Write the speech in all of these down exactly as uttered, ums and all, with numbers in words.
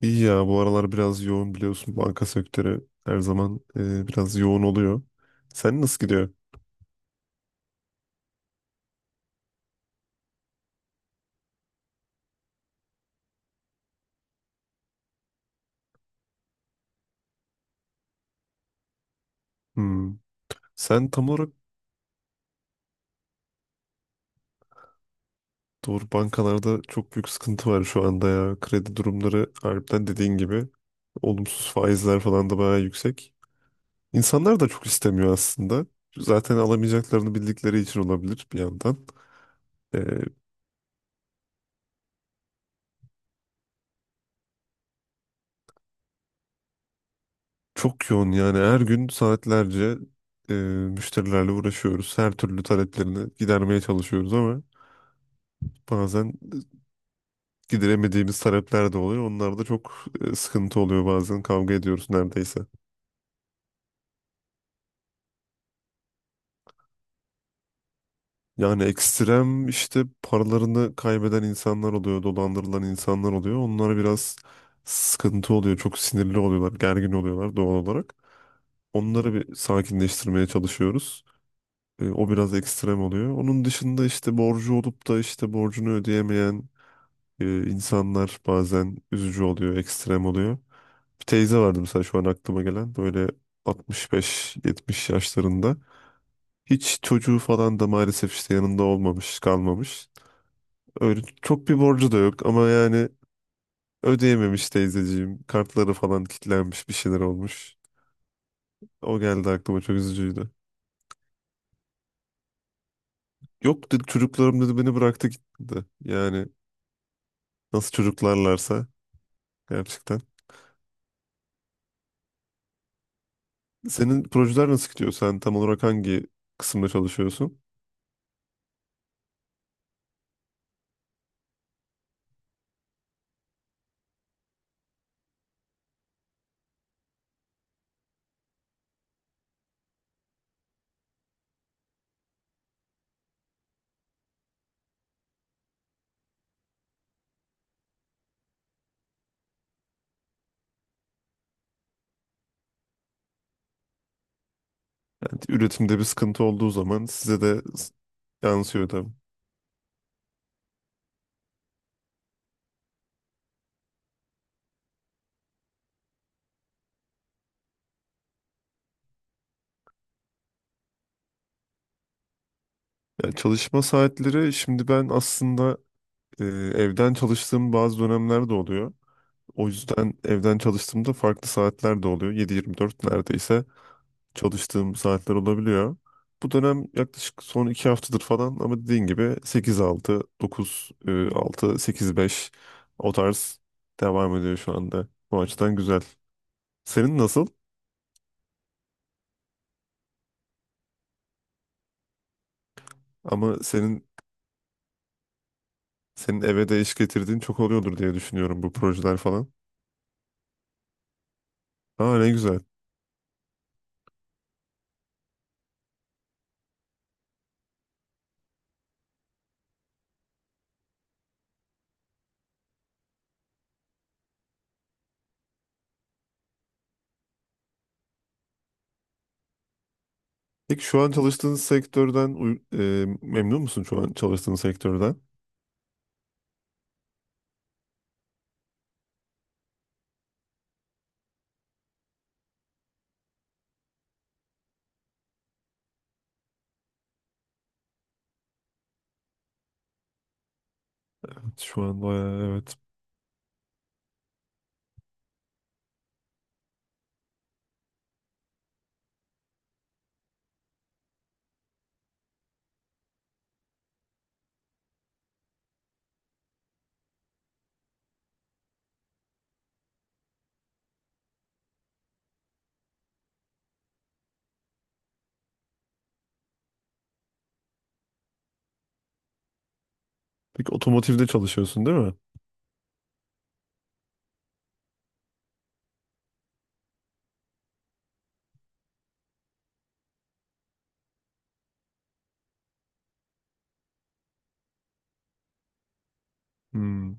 İyi ya, bu aralar biraz yoğun, biliyorsun. Banka sektörü her zaman e, biraz yoğun oluyor. Sen nasıl gidiyor? Hmm. Sen tam olarak doğru, bankalarda çok büyük sıkıntı var şu anda ya. Kredi durumları harbiden dediğin gibi olumsuz, faizler falan da bayağı yüksek. İnsanlar da çok istemiyor aslında. Zaten alamayacaklarını bildikleri için olabilir bir yandan. E, Çok yoğun yani, her gün saatlerce e, müşterilerle uğraşıyoruz. Her türlü taleplerini gidermeye çalışıyoruz ama bazen gideremediğimiz talepler de oluyor. Onlar da çok e, sıkıntı oluyor bazen. Kavga ediyoruz neredeyse. Yani ekstrem işte, paralarını kaybeden insanlar oluyor, dolandırılan insanlar oluyor. Onlar biraz sıkıntı oluyor. Çok sinirli oluyorlar, gergin oluyorlar doğal olarak. Onları bir sakinleştirmeye çalışıyoruz. E, O biraz ekstrem oluyor. Onun dışında işte borcu olup da işte borcunu ödeyemeyen e, insanlar bazen üzücü oluyor, ekstrem oluyor. Bir teyze vardı mesela şu an aklıma gelen, böyle altmış beş yetmiş yaşlarında. Hiç çocuğu falan da maalesef işte yanında olmamış, kalmamış. Öyle çok bir borcu da yok ama yani ödeyememiş teyzeciğim. Kartları falan kilitlenmiş, bir şeyler olmuş. O geldi aklıma, çok üzücüydü. Yok dedi, çocuklarım dedi beni bıraktı gitti. Yani nasıl çocuklarlarsa gerçekten. Senin projeler nasıl gidiyor? Sen tam olarak hangi kısımda çalışıyorsun? Yani üretimde bir sıkıntı olduğu zaman size de s- yansıyor tabii. Ya çalışma saatleri şimdi, ben aslında e, evden çalıştığım bazı dönemler de oluyor. O yüzden evden çalıştığımda farklı saatler de oluyor. yedi yirmi dört neredeyse çalıştığım saatler olabiliyor. Bu dönem yaklaşık son iki haftadır falan, ama dediğin gibi sekiz altı, dokuz altı, sekiz beş o tarz devam ediyor şu anda. Bu açıdan güzel. Senin nasıl? Ama senin senin eve de iş getirdiğin çok oluyordur diye düşünüyorum, bu projeler falan. Aa, ne güzel. Peki şu an çalıştığınız sektörden uy- e, memnun musun şu an çalıştığın sektörden? Evet, şu an bayağı evet. Peki otomotivde çalışıyorsun, değil mi? Hmm.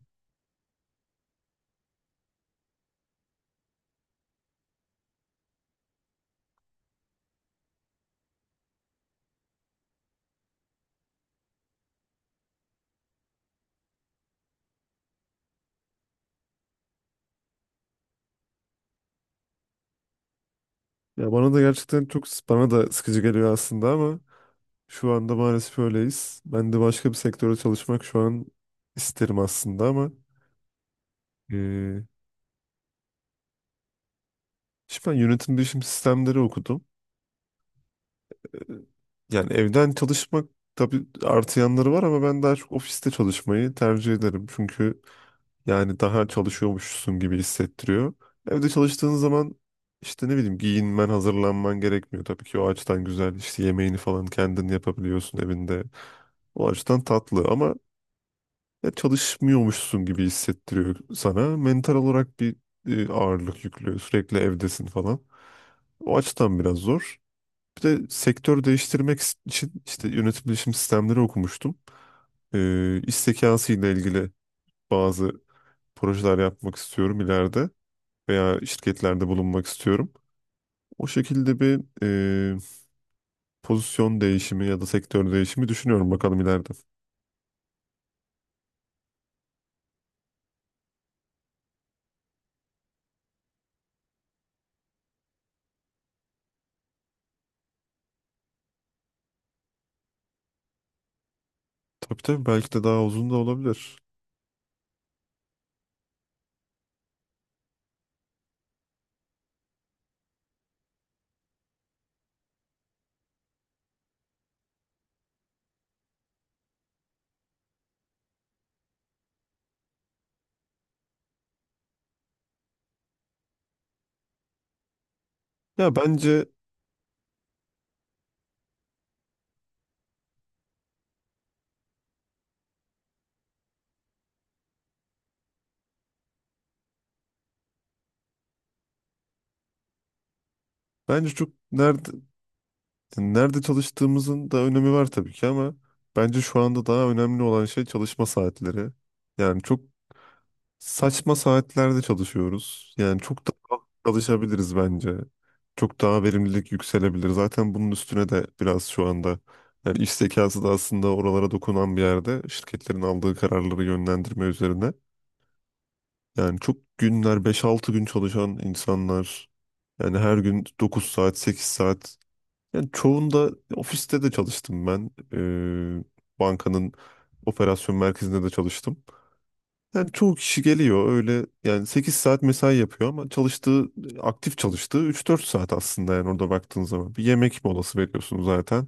Ya bana da gerçekten çok, bana da sıkıcı geliyor aslında ama şu anda maalesef öyleyiz. Ben de başka bir sektörde çalışmak şu an isterim aslında ama e, şimdi ben yönetim bilişim sistemleri okudum. E, Yani evden çalışmak tabii artı yanları var ama ben daha çok ofiste çalışmayı tercih ederim. Çünkü yani daha çalışıyormuşsun gibi hissettiriyor. Evde çalıştığın zaman işte ne bileyim, giyinmen, hazırlanman gerekmiyor. Tabii ki o açıdan güzel. İşte yemeğini falan kendin yapabiliyorsun evinde. O açıdan tatlı ama ya çalışmıyormuşsun gibi hissettiriyor sana. Mental olarak bir e, ağırlık yüklüyor. Sürekli evdesin falan. O açıdan biraz zor. Bir de sektör değiştirmek için işte yönetim bilişim sistemleri okumuştum. E, iş zekası ile ilgili bazı projeler yapmak istiyorum ileride veya şirketlerde bulunmak istiyorum. O şekilde bir e, pozisyon değişimi ya da sektör değişimi düşünüyorum, bakalım ileride. Tabii tabii, belki de daha uzun da olabilir. Ya bence bence çok nerede nerede çalıştığımızın da önemi var tabii ki, ama bence şu anda daha önemli olan şey çalışma saatleri. Yani çok saçma saatlerde çalışıyoruz. Yani çok daha çalışabiliriz bence. Çok daha verimlilik yükselebilir. Zaten bunun üstüne de biraz şu anda yani iş zekası da aslında oralara dokunan bir yerde, şirketlerin aldığı kararları yönlendirme üzerine. Yani çok günler, beş altı gün çalışan insanlar, yani her gün dokuz saat sekiz saat, yani çoğunda ofiste de çalıştım ben. Ee, bankanın operasyon merkezinde de çalıştım. Yani çoğu kişi geliyor, öyle yani sekiz saat mesai yapıyor ama çalıştığı, aktif çalıştığı üç dört saat aslında yani, orada baktığın zaman. Bir yemek molası veriyorsun zaten.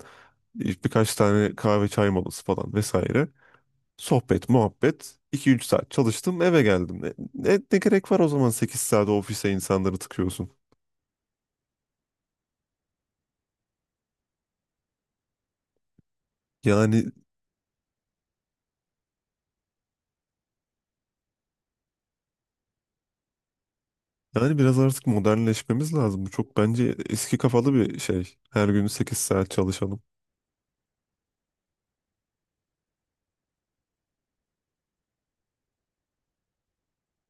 Bir- Birkaç tane kahve çay molası falan vesaire. Sohbet, muhabbet. iki üç saat çalıştım, eve geldim. Ne, ne, ne gerek var o zaman sekiz saat ofise insanları tıkıyorsun? Yani yani biraz artık modernleşmemiz lazım. Bu çok bence eski kafalı bir şey, her gün sekiz saat çalışalım.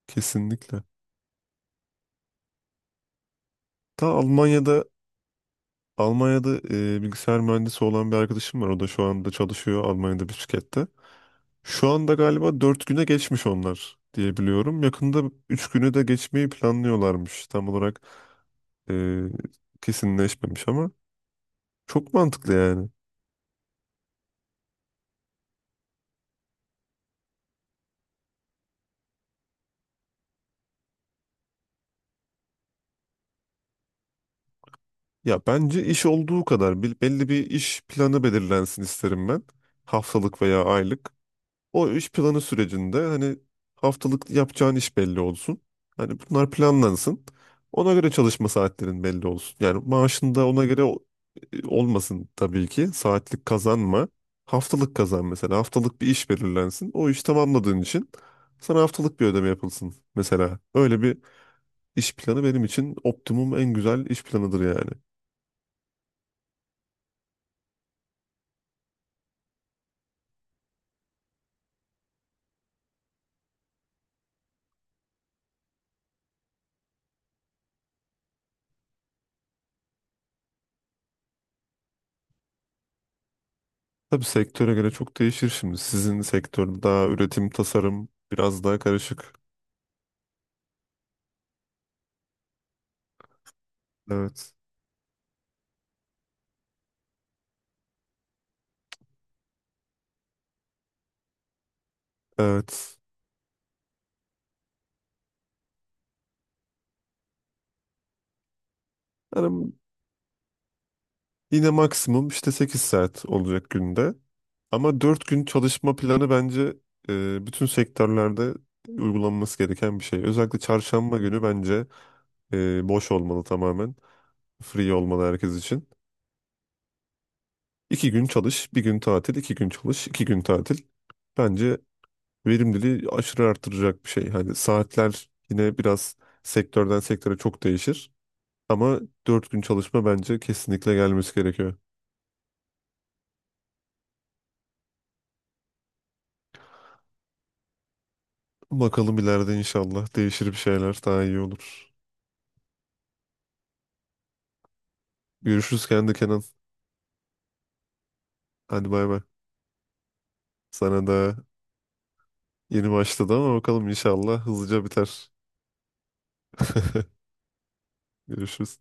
Kesinlikle. Ta Almanya'da, Almanya'da e, bilgisayar mühendisi olan bir arkadaşım var. O da şu anda çalışıyor Almanya'da bir şirkette. Şu anda galiba dört güne geçmiş onlar diye biliyorum. Yakında üç günü de geçmeyi planlıyorlarmış. Tam olarak e, kesinleşmemiş ama çok mantıklı yani. Ya bence iş olduğu kadar, bil- belli bir iş planı belirlensin isterim ben. Haftalık veya aylık. O iş planı sürecinde hani haftalık yapacağın iş belli olsun. Hani bunlar planlansın. Ona göre çalışma saatlerin belli olsun. Yani maaşın da ona göre o- e, olmasın tabii ki. Saatlik kazanma. Haftalık kazan mesela. Haftalık bir iş belirlensin. O iş tamamladığın için sana haftalık bir ödeme yapılsın mesela. Öyle bir iş planı benim için optimum en güzel iş planıdır yani. Tabii sektöre göre çok değişir şimdi. Sizin sektör daha üretim, tasarım, biraz daha karışık. Evet. Evet. Yani yine maksimum işte sekiz saat olacak günde. Ama dört gün çalışma planı bence e, bütün sektörlerde uygulanması gereken bir şey. Özellikle çarşamba günü bence e, boş olmalı tamamen. Free olmalı herkes için. iki gün çalış, bir gün tatil, iki gün çalış, iki gün tatil. Bence verimliliği aşırı artıracak bir şey. Hani saatler yine biraz sektörden sektöre çok değişir. Ama dört gün çalışma bence kesinlikle gelmesi gerekiyor. Bakalım ileride inşallah değişir, bir şeyler daha iyi olur. Görüşürüz kendi Kenan. Hadi bay bay. Sana da yeni başladı ama bakalım inşallah hızlıca biter. Görüşürüz.